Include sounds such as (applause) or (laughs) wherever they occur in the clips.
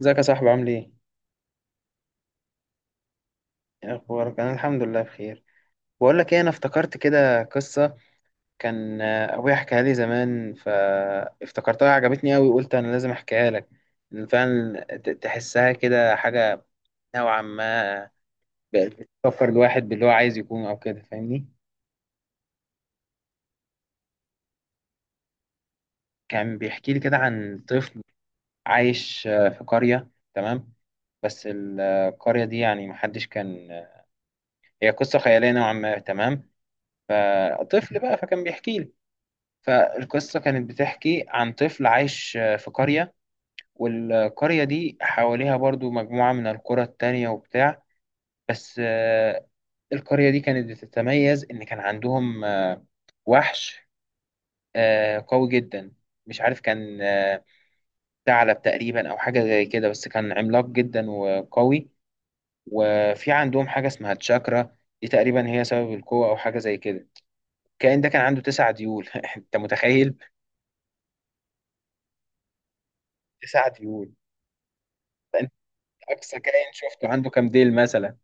ازيك يا صاحبي؟ عامل ايه؟ إيه اخبارك؟ انا الحمد لله بخير. بقول لك ايه، انا افتكرت كده قصه كان ابويا حكاها لي زمان فافتكرتها، عجبتني قوي وقلت انا لازم احكيها لك. إن فعلا تحسها كده حاجه نوعا ما بقت بتفكر الواحد باللي هو عايز يكون، او كده فاهمني. كان بيحكي لي كده عن طفل عايش في قريه. تمام. بس القرية دي يعني محدش كان، هي قصة خيالية نوعا ما. تمام. فطفل بقى فكان بيحكي لي. فالقصة كانت بتحكي عن طفل عايش في قرية، والقرية دي حواليها برضو مجموعة من القرى التانية وبتاع. بس القرية دي كانت بتتميز إن كان عندهم وحش قوي جدا. مش عارف، كان ثعلب تقريبا أو حاجة زي كده، بس كان عملاق جدا وقوي. وفي عندهم حاجة اسمها تشاكرا، دي تقريبا هي سبب القوة أو حاجة زي كده. الكائن ده كان عنده تسع ديول (laughs) أنت متخيل؟ تسع ديول. اقصى كائن شفته عنده كام ديل مثلا؟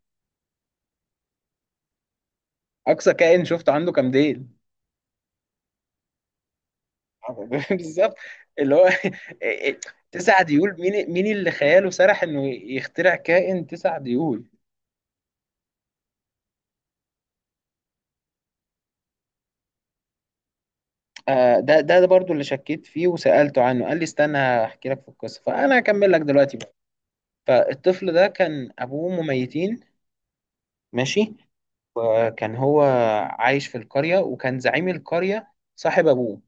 اقصى كائن شفته عنده كام ديل؟ (laughs) بالظبط. اللي هو (laughs) تسع ديول، مين مين اللي خياله سرح انه يخترع كائن تسع ديول؟ آه، ده برضو اللي شكيت فيه وسألته عنه، قال لي استنى هحكي لك في القصة، فانا هكمل لك دلوقتي بقى. فالطفل ده كان ابوه وامه ميتين. ماشي. كان هو عايش في القرية، وكان زعيم القرية صاحب ابوه،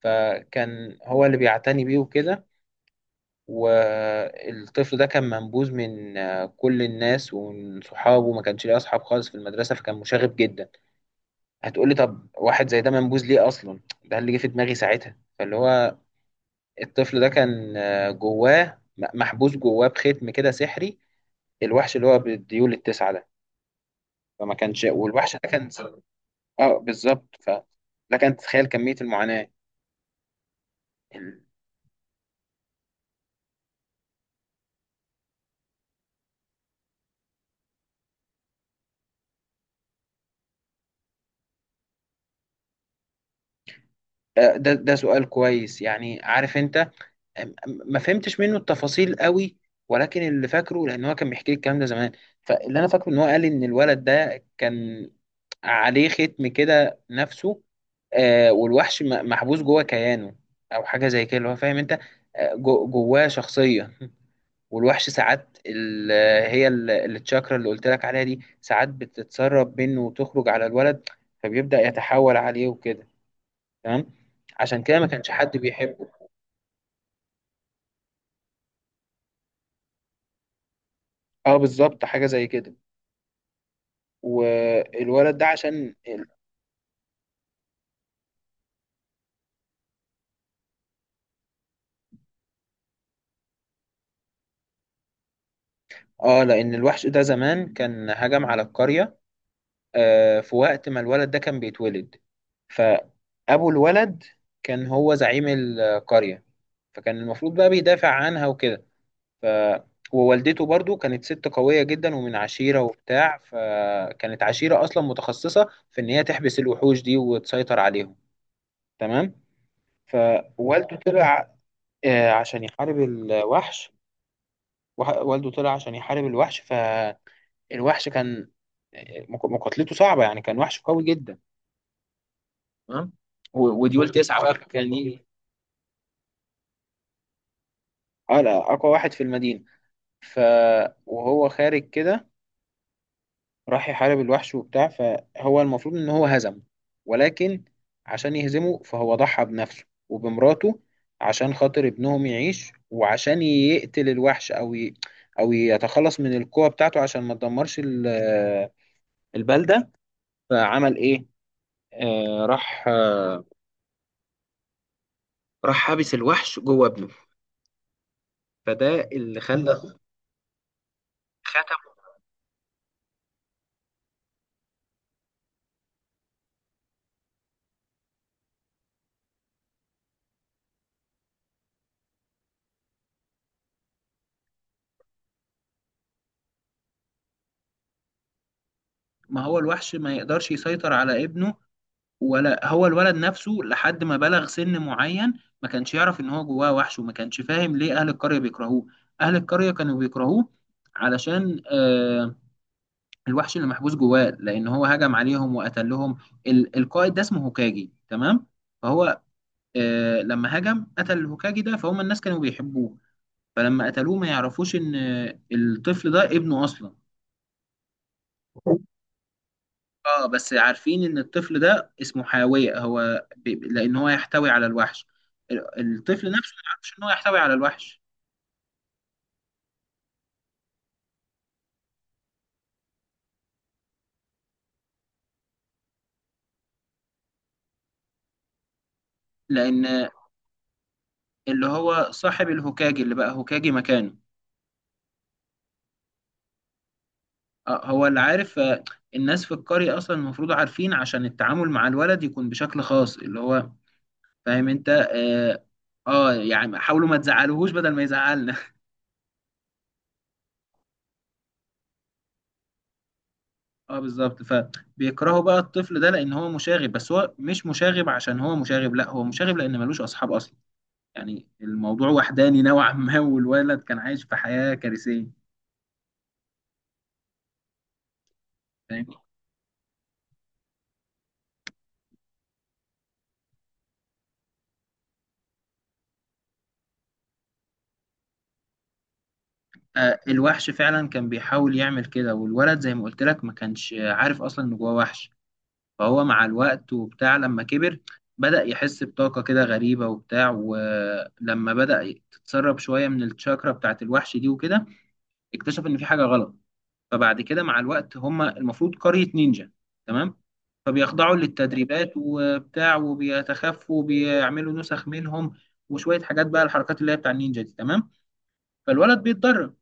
فكان هو اللي بيعتني بيه وكده. والطفل ده كان منبوذ من كل الناس ومن صحابه، ما كانش ليه اصحاب خالص في المدرسه، فكان مشاغب جدا. هتقولي طب واحد زي ده منبوذ ليه اصلا؟ ده اللي جه في دماغي ساعتها. فاللي هو الطفل ده كان جواه محبوس جواه بختم كده سحري، الوحش اللي هو بالديول التسعه ده. فما كانش، والوحش ده كان، اه بالظبط. ف لك ان تتخيل كميه المعاناه ال- آه، ده سؤال كويس يعني، عارف انت، ما فهمتش منه التفاصيل قوي، ولكن اللي فاكره، لان هو كان بيحكي لي الكلام ده زمان، فاللي انا فاكره ان هو قال لي ان الولد ده كان عليه ختم كده نفسه، آه، والوحش محبوس جوه كيانه او حاجه زي كده. اللي هو فاهم انت، جواه شخصيه (laughs) والوحش ساعات هي التشاكرا اللي قلت لك عليها دي ساعات بتتسرب منه وتخرج على الولد، فبيبدأ يتحول عليه وكده. تمام. عشان كده ما كانش حد بيحبه. اه بالظبط حاجه زي كده. والولد ده عشان اه لان الوحش ده زمان كان هجم على القرية في وقت ما الولد ده كان بيتولد. فأبو الولد كان هو زعيم القرية، فكان المفروض بقى بيدافع عنها وكده. ف ووالدته برضو كانت ست قوية جدا ومن عشيرة وبتاع، فكانت عشيرة أصلا متخصصة في إن هي تحبس الوحوش دي وتسيطر عليهم. تمام. فوالده طلع عشان يحارب الوحش. والده طلع عشان يحارب الوحش، فالوحش كان مقاتلته صعبة، يعني كان وحش قوي جدا. تمام. وديول تسعة بقى كان يجي. اه لا، أقوى واحد في المدينة. ف وهو خارج كده راح يحارب الوحش وبتاع، فهو المفروض إن هو هزمه، ولكن عشان يهزمه فهو ضحى بنفسه وبمراته عشان خاطر ابنهم يعيش وعشان يقتل الوحش، أو ي... أو يتخلص من القوة بتاعته عشان ما تدمرش البلدة. فعمل إيه؟ آه، راح راح حابس الوحش جوه ابنه، فده اللي خلى، ختمه. ما هو الوحش ما يقدرش يسيطر على ابنه ولا هو الولد نفسه، لحد ما بلغ سن معين ما كانش يعرف ان هو جواه وحش، وما كانش فاهم ليه اهل القرية بيكرهوه. اهل القرية كانوا بيكرهوه علشان آه، الوحش اللي محبوس جواه، لان هو هجم عليهم وقتلهم. القائد ده اسمه هوكاجي. تمام. فهو لما هجم قتل الهوكاجي ده، فهم الناس كانوا بيحبوه، فلما قتلوه ما يعرفوش ان الطفل ده ابنه اصلا. اه بس عارفين ان الطفل ده اسمه حاوية، هو ب... لان هو يحتوي على الوحش. الطفل نفسه ما يعرفش ان هو يحتوي على الوحش. لان اللي هو صاحب الهوكاجي اللي بقى هوكاجي مكانه، آه هو اللي عارف. الناس في القرية اصلا المفروض عارفين عشان التعامل مع الولد يكون بشكل خاص. اللي هو فاهم انت اه, آه يعني حاولوا ما تزعلوهوش بدل ما يزعلنا. اه بالظبط، فبيكرهوا بقى الطفل ده لان هو مشاغب، بس هو مش مشاغب عشان هو مشاغب، لا، هو مشاغب لان ملوش اصحاب اصلا. يعني الموضوع وحداني نوعا ما (laughs) والولد كان عايش في حياة كارثية. فاهم. آه الوحش فعلا كان بيحاول يعمل كده، والولد زي ما قلت لك ما كانش عارف اصلا ان جواه وحش. فهو مع الوقت وبتاع لما كبر بدأ يحس بطاقة كده غريبة وبتاع، ولما بدأ تتسرب شوية من الشاكرا بتاعت الوحش دي وكده اكتشف ان في حاجة غلط. فبعد كده مع الوقت، هم المفروض قرية نينجا. تمام. فبيخضعوا للتدريبات وبتاع، وبيتخفوا، وبيعملوا نسخ منهم، وشوية حاجات بقى الحركات اللي هي بتاع النينجا دي. تمام. فالولد بيتدرب.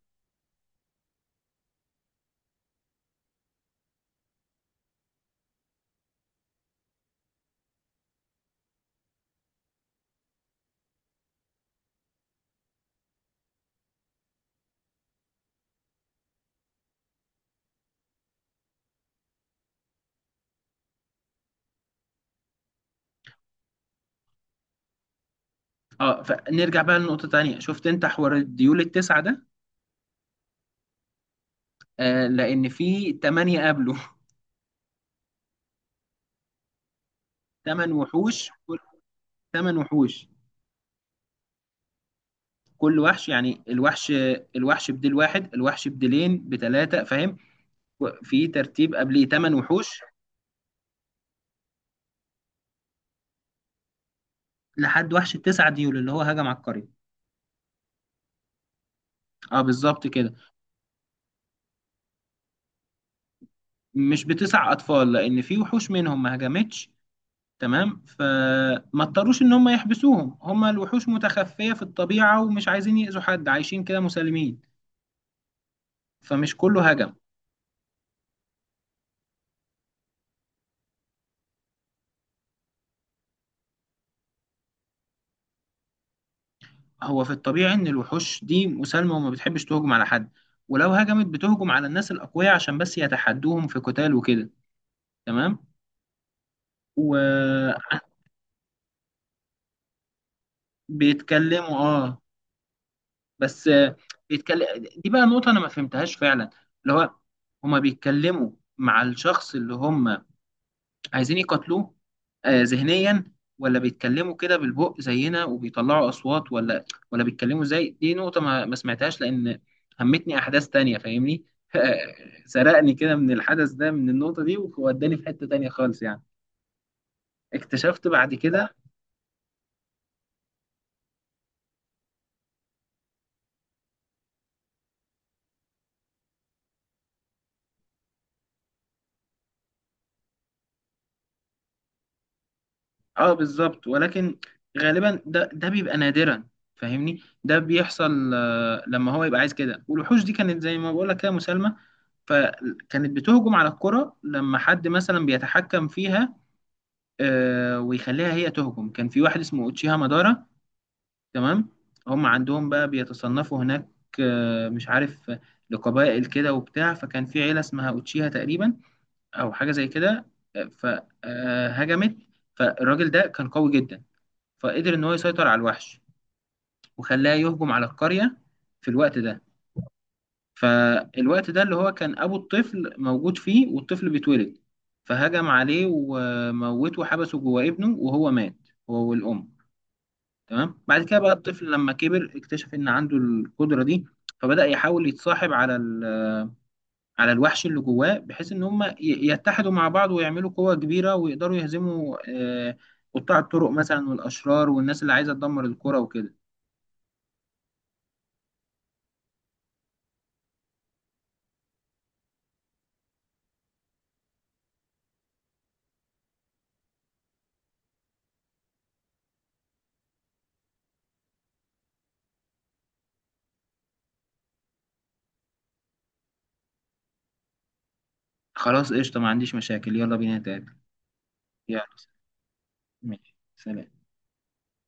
اه فنرجع بقى لنقطة تانية، شفت انت حوار الديول التسعة ده، آه لأن في تمانية قبله. (laughs) تمن وحوش. كل تمن وحوش كل وحش يعني الوحش، الوحش بديل واحد، الوحش بديلين، بتلاتة فاهم، في ترتيب قبليه تمن وحوش، لحد وحش التسعة ديول اللي هو هجم على القرية. اه بالظبط كده. مش بتسع اطفال، لان في وحوش منهم ما هجمتش. تمام. فما اضطروش ان هم يحبسوهم، هم الوحوش متخفية في الطبيعة ومش عايزين يأذوا حد، عايشين كده مسالمين. فمش كله هجم. هو في الطبيعي ان الوحوش دي مسالمة وما بتحبش تهجم على حد، ولو هجمت بتهجم على الناس الأقوياء عشان بس يتحدوهم في قتال وكده. تمام. وبيتكلموا. اه بس بيتكلم. دي بقى نقطة أنا ما فهمتهاش فعلا. اللي هو هما بيتكلموا مع الشخص اللي هم عايزين يقاتلوه ذهنيا، ولا بيتكلموا كده بالبق زينا وبيطلعوا أصوات، ولا بيتكلموا زي، دي نقطة ما سمعتهاش، لأن همتني أحداث تانية فاهمني (laughs) سرقني كده من الحدث ده من النقطة دي ووداني في حتة تانية خالص يعني. اكتشفت بعد كده. اه بالظبط، ولكن غالبا ده بيبقى نادرا فاهمني. ده بيحصل لما هو يبقى عايز كده، والوحوش دي كانت زي ما بقول لك كده مسالمه، فكانت بتهجم على الكره لما حد مثلا بيتحكم فيها ويخليها هي تهجم. كان في واحد اسمه اوتشيها مادارا. تمام. هم عندهم بقى بيتصنفوا هناك، مش عارف، لقبائل كده وبتاع، فكان في عيله اسمها اوتشيها تقريبا او حاجه زي كده. فهجمت. فالراجل ده كان قوي جدا، فقدر ان هو يسيطر على الوحش وخلاه يهجم على القرية في الوقت ده. فالوقت ده اللي هو كان ابو الطفل موجود فيه والطفل بيتولد، فهجم عليه وموته وحبسه جوه ابنه وهو مات، هو والام. تمام. بعد كده بقى الطفل لما كبر اكتشف ان عنده القدرة دي، فبدأ يحاول يتصاحب على على الوحش اللي جواه بحيث ان هم يتحدوا مع بعض ويعملوا قوة كبيرة ويقدروا يهزموا قطاع الطرق مثلا والاشرار والناس اللي عايزة تدمر القرى وكده. خلاص قشطة، ما عنديش مشاكل، يلا بينا نتقابل. يلا. ماشي، سلام.